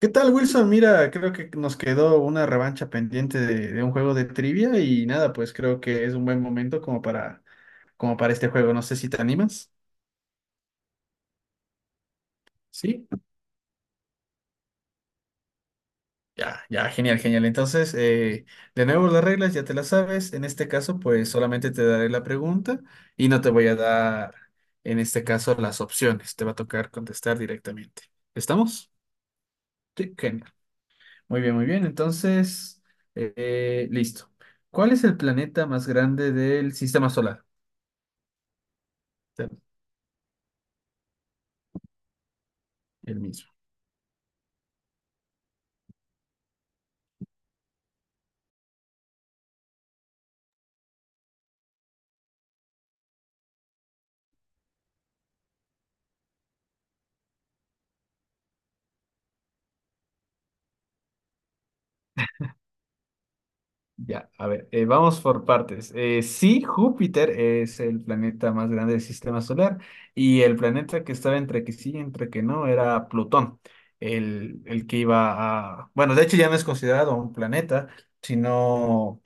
¿Qué tal, Wilson? Mira, creo que nos quedó una revancha pendiente de un juego de trivia y nada, pues creo que es un buen momento como para, como para este juego. No sé si te animas. Sí, ya, genial. Entonces, de nuevo las reglas ya te las sabes. En este caso, pues solamente te daré la pregunta y no te voy a dar, en este caso, las opciones. Te va a tocar contestar directamente. ¿Estamos? Sí, genial. Muy bien, muy bien. Entonces, listo. ¿Cuál es el planeta más grande del sistema solar? El mismo. Ya, a ver, vamos por partes. Sí, Júpiter es el planeta más grande del sistema solar y el planeta que estaba entre que sí y entre que no era Plutón, el que iba a... Bueno, de hecho ya no es considerado un planeta, sino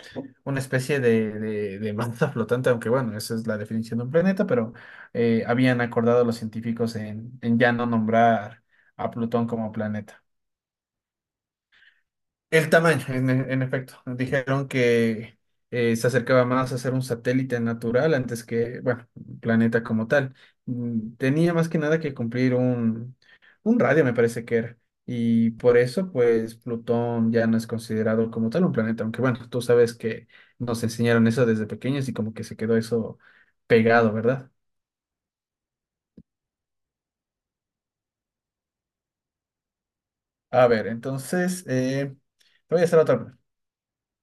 una especie de masa flotante, aunque bueno, esa es la definición de un planeta, pero habían acordado los científicos en ya no nombrar a Plutón como planeta. El tamaño, en efecto. Dijeron que se acercaba más a ser un satélite natural antes que, bueno, un planeta como tal. Mm, tenía más que nada que cumplir un radio, me parece que era. Y por eso, pues, Plutón ya no es considerado como tal un planeta. Aunque, bueno, tú sabes que nos enseñaron eso desde pequeños y como que se quedó eso pegado, ¿verdad? A ver, entonces, te voy a hacer otra.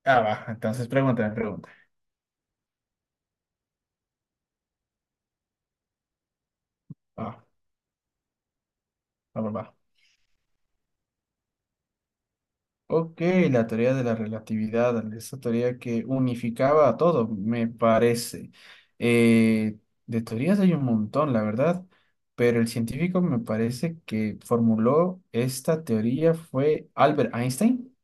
Ah, va. Entonces, pregúntame, pregunta. Va, va. Ok, la teoría de la relatividad, esa teoría que unificaba a todo, me parece. Eh, de teorías hay un montón, la verdad, pero el científico me parece que formuló esta teoría fue Albert Einstein.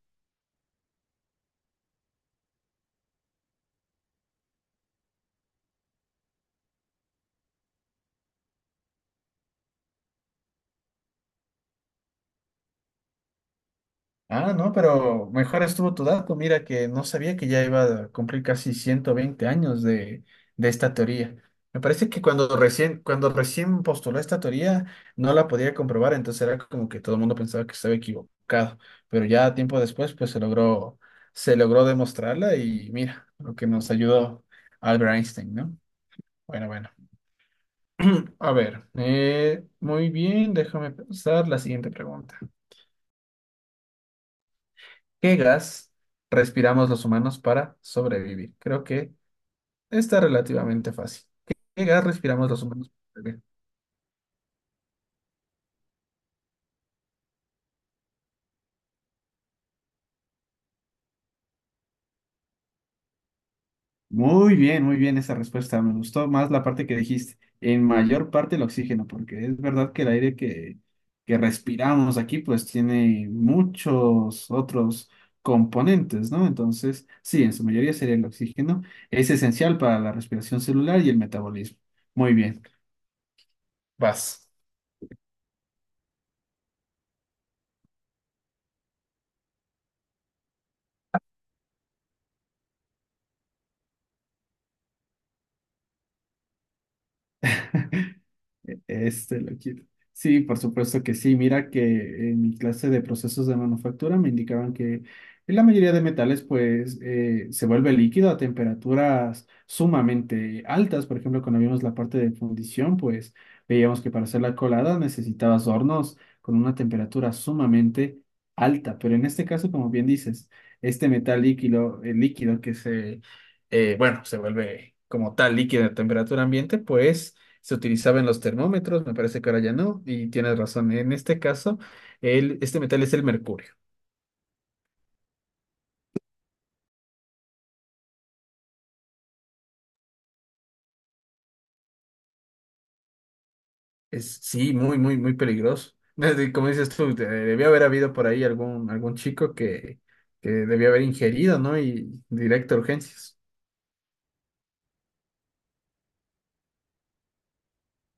Ah, no, pero mejor estuvo tu dato. Mira que no sabía que ya iba a cumplir casi 120 años de esta teoría. Me parece que cuando recién postuló esta teoría no la podía comprobar, entonces era como que todo el mundo pensaba que estaba equivocado. Pero ya tiempo después, pues se logró demostrarla y mira, lo que nos ayudó Albert Einstein, ¿no? Bueno, bueno. A ver, muy bien, déjame pensar la siguiente pregunta. ¿Qué gas respiramos los humanos para sobrevivir? Creo que está relativamente fácil. Qué gas respiramos los humanos para sobrevivir? Muy bien esa respuesta. Me gustó más la parte que dijiste. En mayor parte el oxígeno, porque es verdad que el aire que respiramos aquí pues tiene muchos otros componentes, ¿no? Entonces, sí, en su mayoría sería el oxígeno. Es esencial para la respiración celular y el metabolismo. Muy bien. Vas. Este lo quito. Sí, por supuesto que sí. Mira que en mi clase de procesos de manufactura me indicaban que la mayoría de metales pues se vuelve líquido a temperaturas sumamente altas. Por ejemplo, cuando vimos la parte de fundición, pues veíamos que para hacer la colada necesitabas hornos con una temperatura sumamente alta. Pero en este caso, como bien dices, este metal líquido, el líquido que se, bueno, se vuelve como tal líquido a temperatura ambiente, pues se utilizaban los termómetros, me parece que ahora ya no, y tienes razón, en este caso, este metal es el mercurio. Es, sí, muy, muy, muy peligroso. Desde- Como dices tú, de- debió haber habido por ahí algún, algún chico que debió haber ingerido, ¿no? Y directo a urgencias.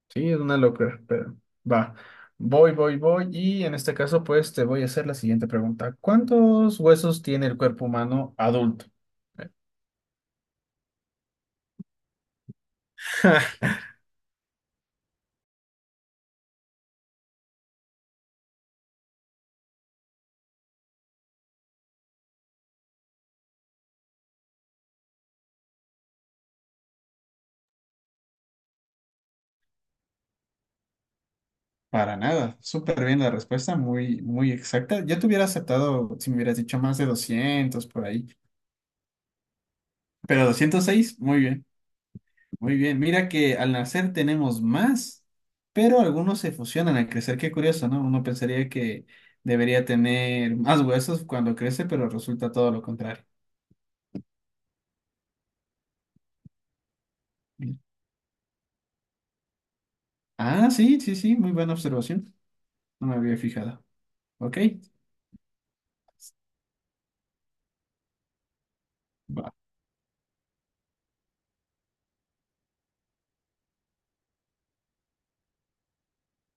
Sí, es una locura, pero va. Y en este caso, pues te voy a hacer la siguiente pregunta. ¿Cuántos huesos tiene el cuerpo humano adulto? Para nada, súper bien la respuesta, muy, muy exacta. Yo te hubiera aceptado si me hubieras dicho más de 200 por ahí, pero 206, muy bien, muy bien. Mira que al nacer tenemos más, pero algunos se fusionan al crecer, qué curioso, ¿no? Uno pensaría que debería tener más huesos cuando crece, pero resulta todo lo contrario. Mira. Ah, sí, sí, sí, muy buena observación, no me había fijado. Ok, va.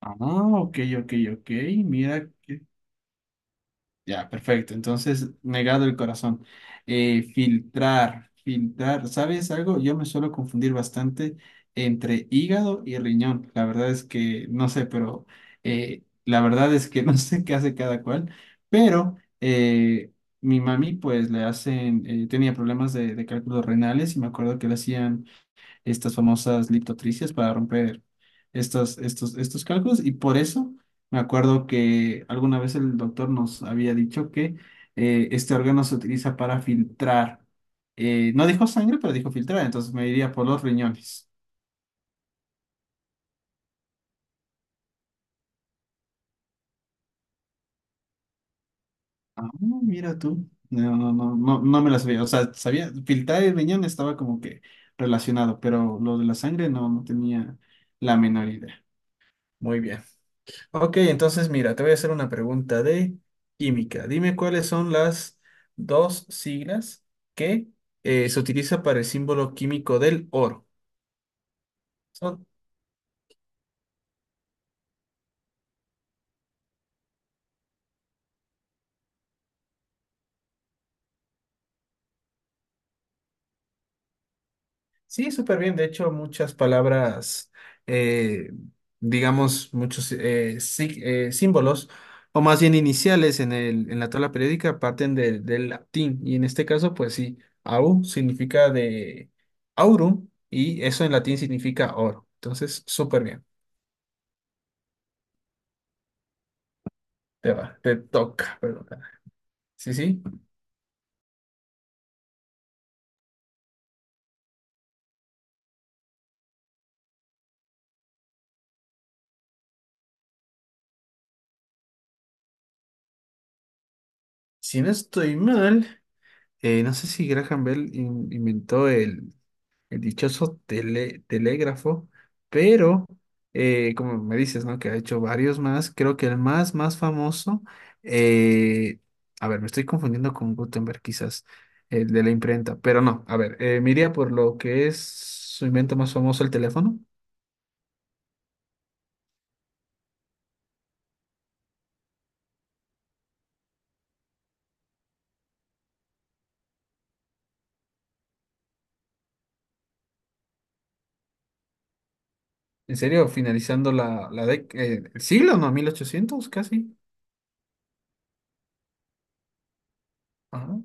Ah, ok, ok, ok, mira. Ya, perfecto. Entonces, negado el corazón. Filtrar, filtrar. ¿Sabes algo? Yo me suelo confundir bastante entre hígado y riñón. La verdad es que no sé, pero la verdad es que no sé qué hace cada cual. Pero mi mami, pues le hacen, tenía problemas de cálculos renales y me acuerdo que le hacían estas famosas liptotricias para romper estos cálculos. Y por eso me acuerdo que alguna vez el doctor nos había dicho que este órgano se utiliza para filtrar. No dijo sangre, pero dijo filtrar, entonces me iría por los riñones. Ah, mira tú. No, no, no, no, no me la sabía. O sea, sabía, filtrar el riñón estaba como que relacionado, pero lo de la sangre no, no tenía la menor idea. Muy bien. Ok, entonces mira, te voy a hacer una pregunta de química. Dime cuáles son las dos siglas que se utiliza para el símbolo químico del oro. Son, sí, súper bien. De hecho, muchas palabras, eh, digamos, muchos símbolos, o más bien iniciales en en la tabla periódica, parten del latín. Y en este caso, pues sí, au significa de aurum y eso en latín significa oro. Entonces, súper bien. Te va, te toca, perdón. Sí, sí. Si no estoy mal, no sé si Graham Bell inventó el dichoso telégrafo, pero como me dices, ¿no? Que ha hecho varios más. Creo que el más, más famoso, eh, a ver, me estoy confundiendo con Gutenberg quizás, el de la imprenta, pero no, a ver, me iría por lo que es su invento más famoso, el teléfono. ¿En serio? Finalizando la el siglo, ¿no? 1800 casi. Ah.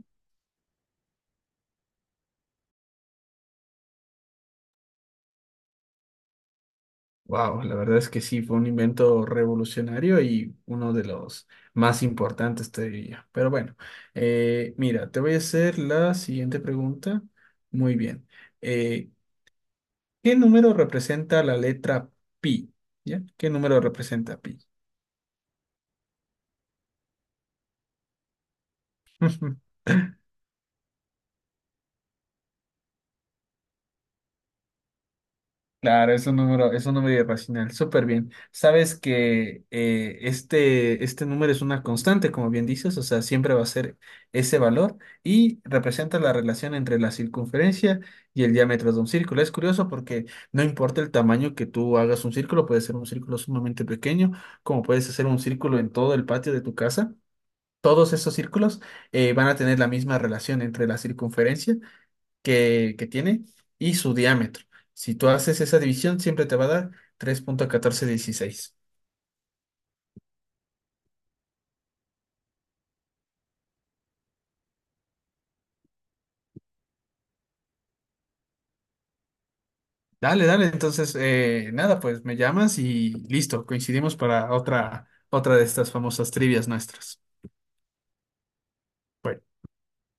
Wow, la verdad es que sí, fue un invento revolucionario y uno de los más importantes, te diría. Pero bueno, mira, te voy a hacer la siguiente pregunta. Muy bien. Eh, ¿Qué número representa la letra pi? ¿Ya? ¿Qué número representa pi? Claro, es un número irracional, súper bien. Sabes que este, este número es una constante, como bien dices, o sea, siempre va a ser ese valor y representa la relación entre la circunferencia y el diámetro de un círculo. Es curioso porque no importa el tamaño que tú hagas un círculo, puede ser un círculo sumamente pequeño, como puedes hacer un círculo en todo el patio de tu casa. Todos esos círculos van a tener la misma relación entre la circunferencia que tiene y su diámetro. Si tú haces esa división, siempre te va a dar 3,1416. Dale, dale. Entonces, nada, pues me llamas y listo. Coincidimos para otra, otra de estas famosas trivias nuestras. Bueno.